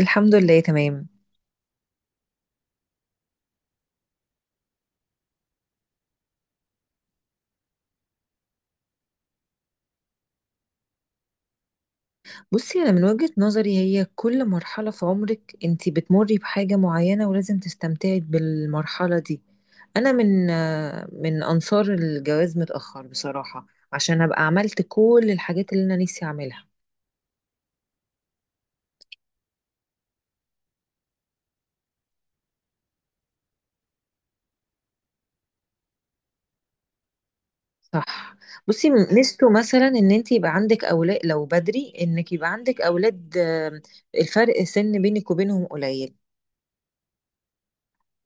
الحمد لله، تمام. بصي انا من وجهة نظري، هي كل مرحلة في عمرك انت بتمري بحاجة معينة، ولازم تستمتعي بالمرحلة دي. انا من انصار الجواز متأخر بصراحة، عشان ابقى عملت كل الحاجات اللي انا نفسي اعملها. صح. بصي ميزته مثلا ان انت يبقى عندك اولاد، لو بدري انك يبقى عندك اولاد الفرق سن بينك وبينهم قليل،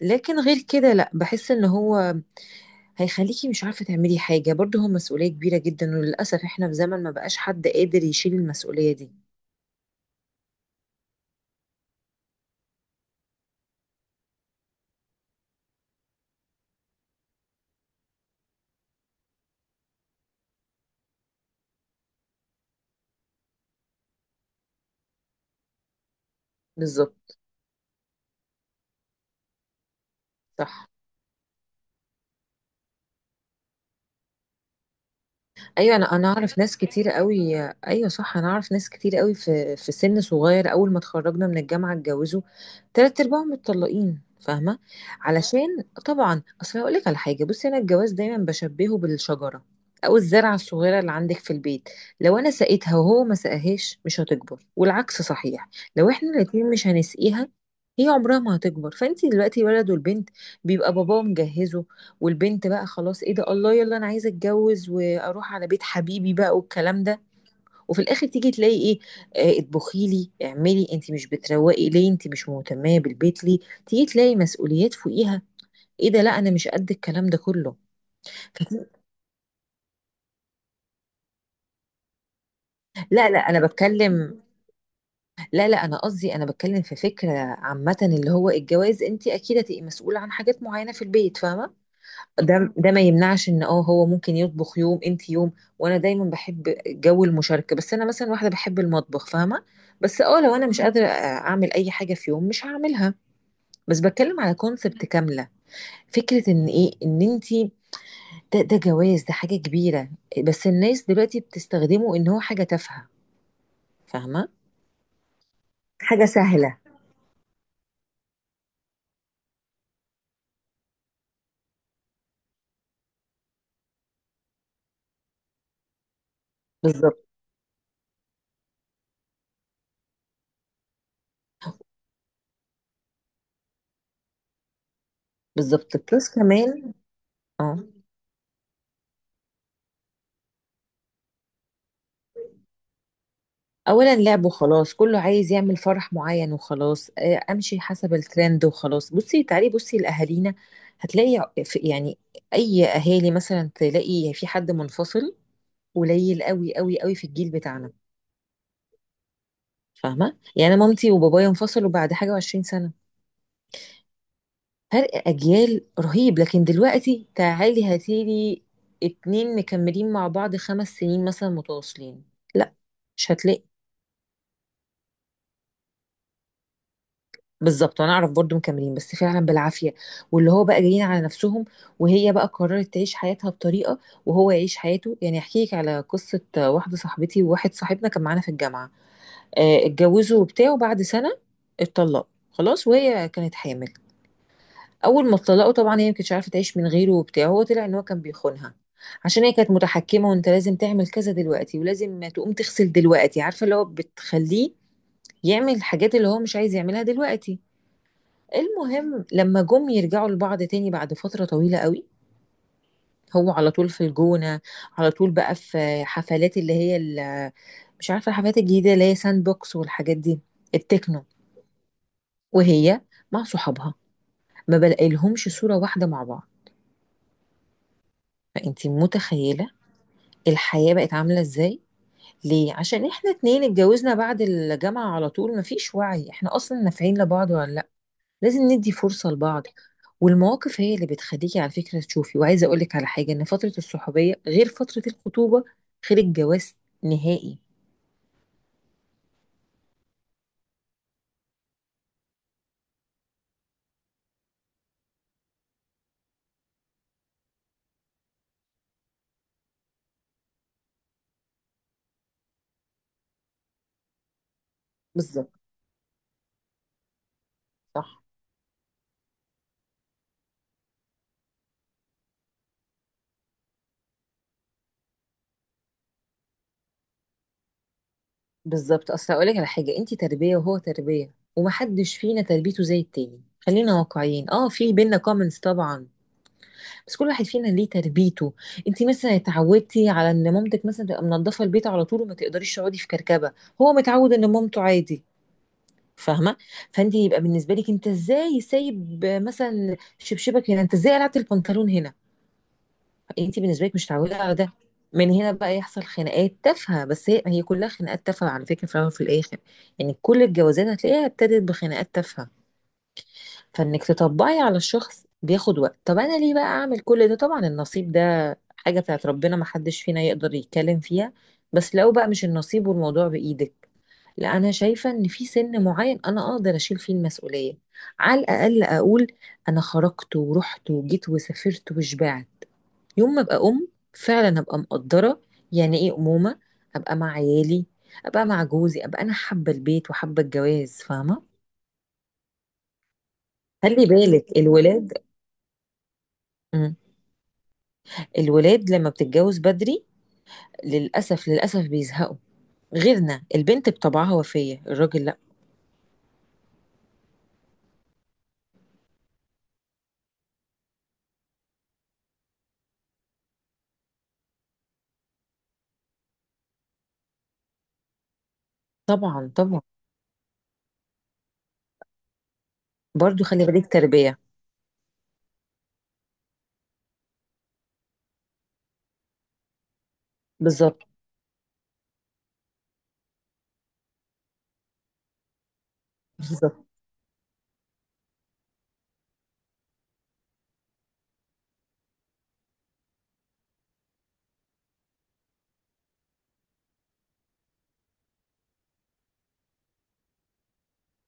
لكن غير كده لا، بحس ان هو هيخليكي مش عارفة تعملي حاجة. برضه هو مسؤولية كبيرة جدا، وللأسف احنا في زمن ما بقاش حد قادر يشيل المسؤولية دي. بالظبط. صح. ايوه، انا اعرف ناس كتير قوي. ايوه صح، انا اعرف ناس كتير قوي في سن صغير، اول ما اتخرجنا من الجامعه اتجوزوا، تلات ارباعهم متطلقين، فاهمه. علشان طبعا، اصل هقول لك على حاجه. بصي، انا الجواز دايما بشبهه بالشجره، او الزرعه الصغيره اللي عندك في البيت. لو انا سقيتها وهو ما سقاهاش مش هتكبر، والعكس صحيح. لو احنا الاتنين مش هنسقيها هي عمرها ما هتكبر. فانت دلوقتي الولد والبنت بيبقى باباه مجهزه، والبنت بقى خلاص، ايه ده، الله يلا انا عايزه اتجوز واروح على بيت حبيبي بقى والكلام ده. وفي الاخر تيجي تلاقي ايه؟ اطبخي لي، اعملي، انت مش بتروقي ليه، انت مش مهتمه بالبيت ليه. تيجي تلاقي مسؤوليات فوقيها. ايه ده، لا انا مش قد الكلام ده كله. فتي- لا لا انا بتكلم. لا لا انا قصدي، انا بتكلم في فكره عامه، اللي هو الجواز انت اكيد هتبقي مسؤوله عن حاجات معينه في البيت، فاهمه. ده ما يمنعش ان هو ممكن يطبخ يوم انت يوم. وانا دايما بحب جو المشاركه، بس انا مثلا واحده بحب المطبخ، فاهمه. بس لو انا مش قادره اعمل اي حاجه في يوم مش هعملها. بس بتكلم على كونسبت كامله، فكره ان ايه ان انت ده جواز، ده حاجه كبيره، بس الناس دلوقتي بتستخدمه ان هو حاجه تافهه، فاهمه؟ حاجه سهله. بالظبط، بالظبط بلس كمان. اه. اولا لعب وخلاص، كله عايز يعمل فرح معين وخلاص، امشي حسب الترند وخلاص. بصي تعالي، بصي لاهالينا، هتلاقي يعني اي اهالي مثلا، تلاقي في حد منفصل قليل قوي قوي قوي في الجيل بتاعنا، فاهمه. يعني أنا مامتي وبابايا انفصلوا بعد حاجه وعشرين سنه، فرق اجيال رهيب. لكن دلوقتي تعالي هاتيلي اتنين مكملين مع بعض 5 سنين مثلا متواصلين، لا مش هتلاقي. بالظبط، انا اعرف برضو مكملين، بس فعلا بالعافيه، واللي هو بقى جايين على نفسهم، وهي بقى قررت تعيش حياتها بطريقه، وهو يعيش حياته. يعني احكي لك على قصه، واحده صاحبتي وواحد صاحبنا كان معانا في الجامعه، اتجوزوا وبتاع، وبعد سنه اتطلقوا خلاص، وهي كانت حامل. اول ما اتطلقوا طبعا، هي ما كانتش عارفه تعيش من غيره وبتاع، هو طلع ان هو كان بيخونها، عشان هي كانت متحكمه، وانت لازم تعمل كذا دلوقتي، ولازم تقوم تغسل دلوقتي، عارفه اللي هو بتخليه يعمل الحاجات اللي هو مش عايز يعملها دلوقتي. المهم، لما جم يرجعوا لبعض تاني بعد فترة طويلة قوي، هو على طول في الجونة، على طول بقى في حفلات اللي هي مش عارفة، الحفلات الجديدة اللي هي ساند بوكس والحاجات دي، التكنو. وهي مع صحابها، ما بلاقيلهمش صورة واحدة مع بعض. فانتي متخيلة الحياة بقت عاملة ازاي، ليه؟ عشان احنا اتنين اتجوزنا بعد الجامعة على طول، مفيش وعي، احنا اصلا نافعين لبعض ولا لازم ندي فرصة لبعض. والمواقف هي اللي بتخليكي على فكرة تشوفي. وعايزة أقولك على حاجة، إن فترة الصحوبية غير فترة الخطوبة، غير الجواز نهائي. بالظبط. صح. بالظبط، أصل أقولك على حاجة، أنتي تربية وهو تربية ومحدش فينا تربيته زي التاني. خلينا واقعيين، في بينا كومنتس طبعا، بس كل واحد فينا ليه تربيته. انتي مثلا اتعودتي على ان مامتك مثلا تبقى منضفه البيت على طول وما تقدريش تقعدي في كركبه، هو متعود ان مامته عادي، فاهمه؟ فانت يبقى بالنسبه لك انت ازاي سايب مثلا شبشبك هنا، انت ازاي قلعت البنطلون هنا، انت بالنسبه لك مش متعوده على ده. من هنا بقى يحصل خناقات تافهه، بس هي كلها خناقات تافهه على فكره، في الاول وفي الاخر. يعني كل الجوازات هتلاقيها ابتدت بخناقات تافهه، فانك تطبقي على الشخص بياخد وقت. طب انا ليه بقى اعمل كل ده، طبعا النصيب ده حاجه بتاعت ربنا، ما حدش فينا يقدر يتكلم فيها. بس لو بقى مش النصيب والموضوع بايدك، لا انا شايفه ان في سن معين انا اقدر اشيل فيه المسؤوليه. على الاقل اقول انا خرجت ورحت وجيت وسافرت وشبعت. يوم ما ابقى ام، فعلا ابقى مقدره يعني ايه امومه، ابقى مع عيالي، ابقى مع جوزي، ابقى انا حابه البيت وحابه الجواز، فاهمه. خلي بالك الولاد. مم. الولاد لما بتتجوز بدري للاسف، للاسف بيزهقوا، غيرنا البنت بطبعها، وفيه الراجل لا. طبعا طبعا. برضو خلي بالك تربيه. بالظبط. بالظبط.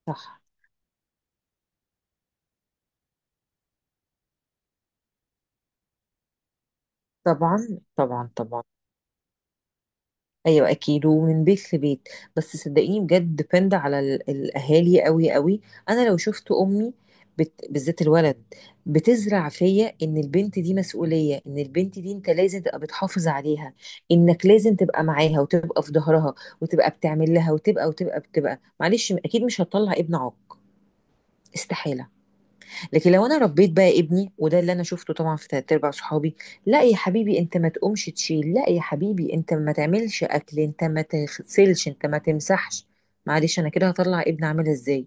صح. طبعا طبعا طبعا. ايوه اكيد، ومن بيت لبيت. بس صدقيني بجد، ديبند على الاهالي قوي قوي. انا لو شفت امي بالذات الولد، بتزرع فيا ان البنت دي مسؤوليه، ان البنت دي انت لازم تبقى بتحافظ عليها، انك لازم تبقى معاها، وتبقى في ظهرها، وتبقى بتعمل لها، وتبقى بتبقى، معلش، اكيد مش هتطلع ابن عاق، استحاله. لكن لو انا ربيت بقى ابني، وده اللي انا شفته طبعا في تلات ارباع صحابي، لا يا حبيبي انت ما تقومش تشيل، لا يا حبيبي انت ما تعملش اكل، انت ما تغسلش، انت ما تمسحش، معلش، انا كده هطلع ابني عامل ازاي.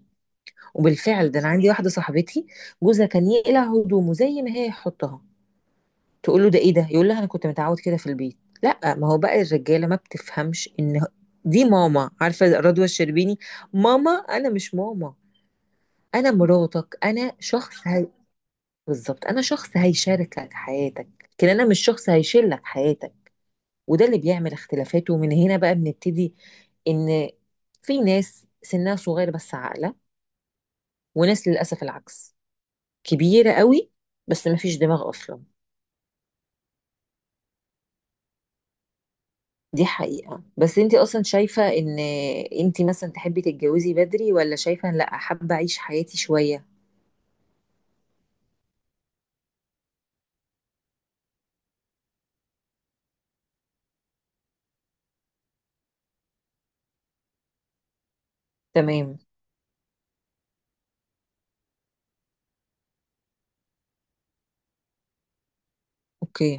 وبالفعل ده، انا عندي واحده صاحبتي جوزها كان يقلع هدومه زي ما هي يحطها، تقول له ده ايه ده، يقول لها انا كنت متعود كده في البيت. لا، ما هو بقى الرجاله ما بتفهمش ان دي ماما، عارفه رضوى الشربيني، ماما انا مش ماما، انا مراتك، انا شخص. بالظبط، انا شخص هيشارك لك حياتك، لكن انا مش شخص هيشيل لك حياتك. وده اللي بيعمل اختلافات، ومن هنا بقى بنبتدي، ان في ناس سنها صغير بس عاقله، وناس للاسف العكس، كبيره قوي بس ما فيش دماغ اصلا. دي حقيقه. بس انت اصلا شايفه ان انت مثلا تحبي تتجوزي بدري، ولا شايفه إن لا، حابه اعيش حياتي شويه؟ تمام. اوكي.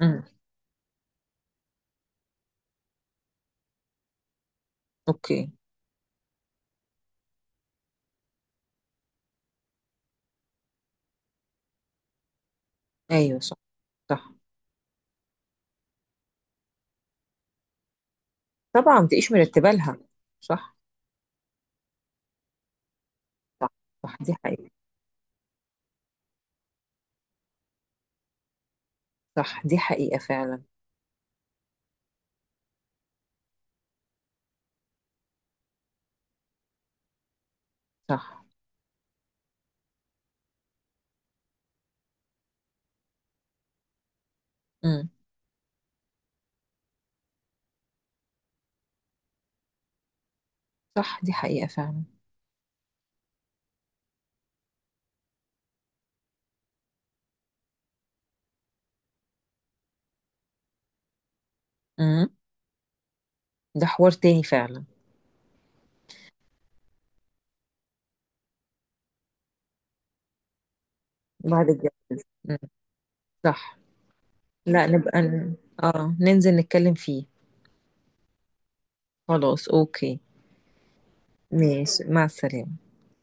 امم. اوكي. ايوه صح. صح طبعا، ما تبقيش مرتبه لها. صح. صح. صح دي حقيقه. صح دي حقيقة فعلا. صح. امم. صح دي حقيقة فعلا. امم. ده حوار تاني فعلا. بعد الجد. امم. صح. لا، نبقى اه ننزل نتكلم فيه. خلاص اوكي. ماشي مع السلامة.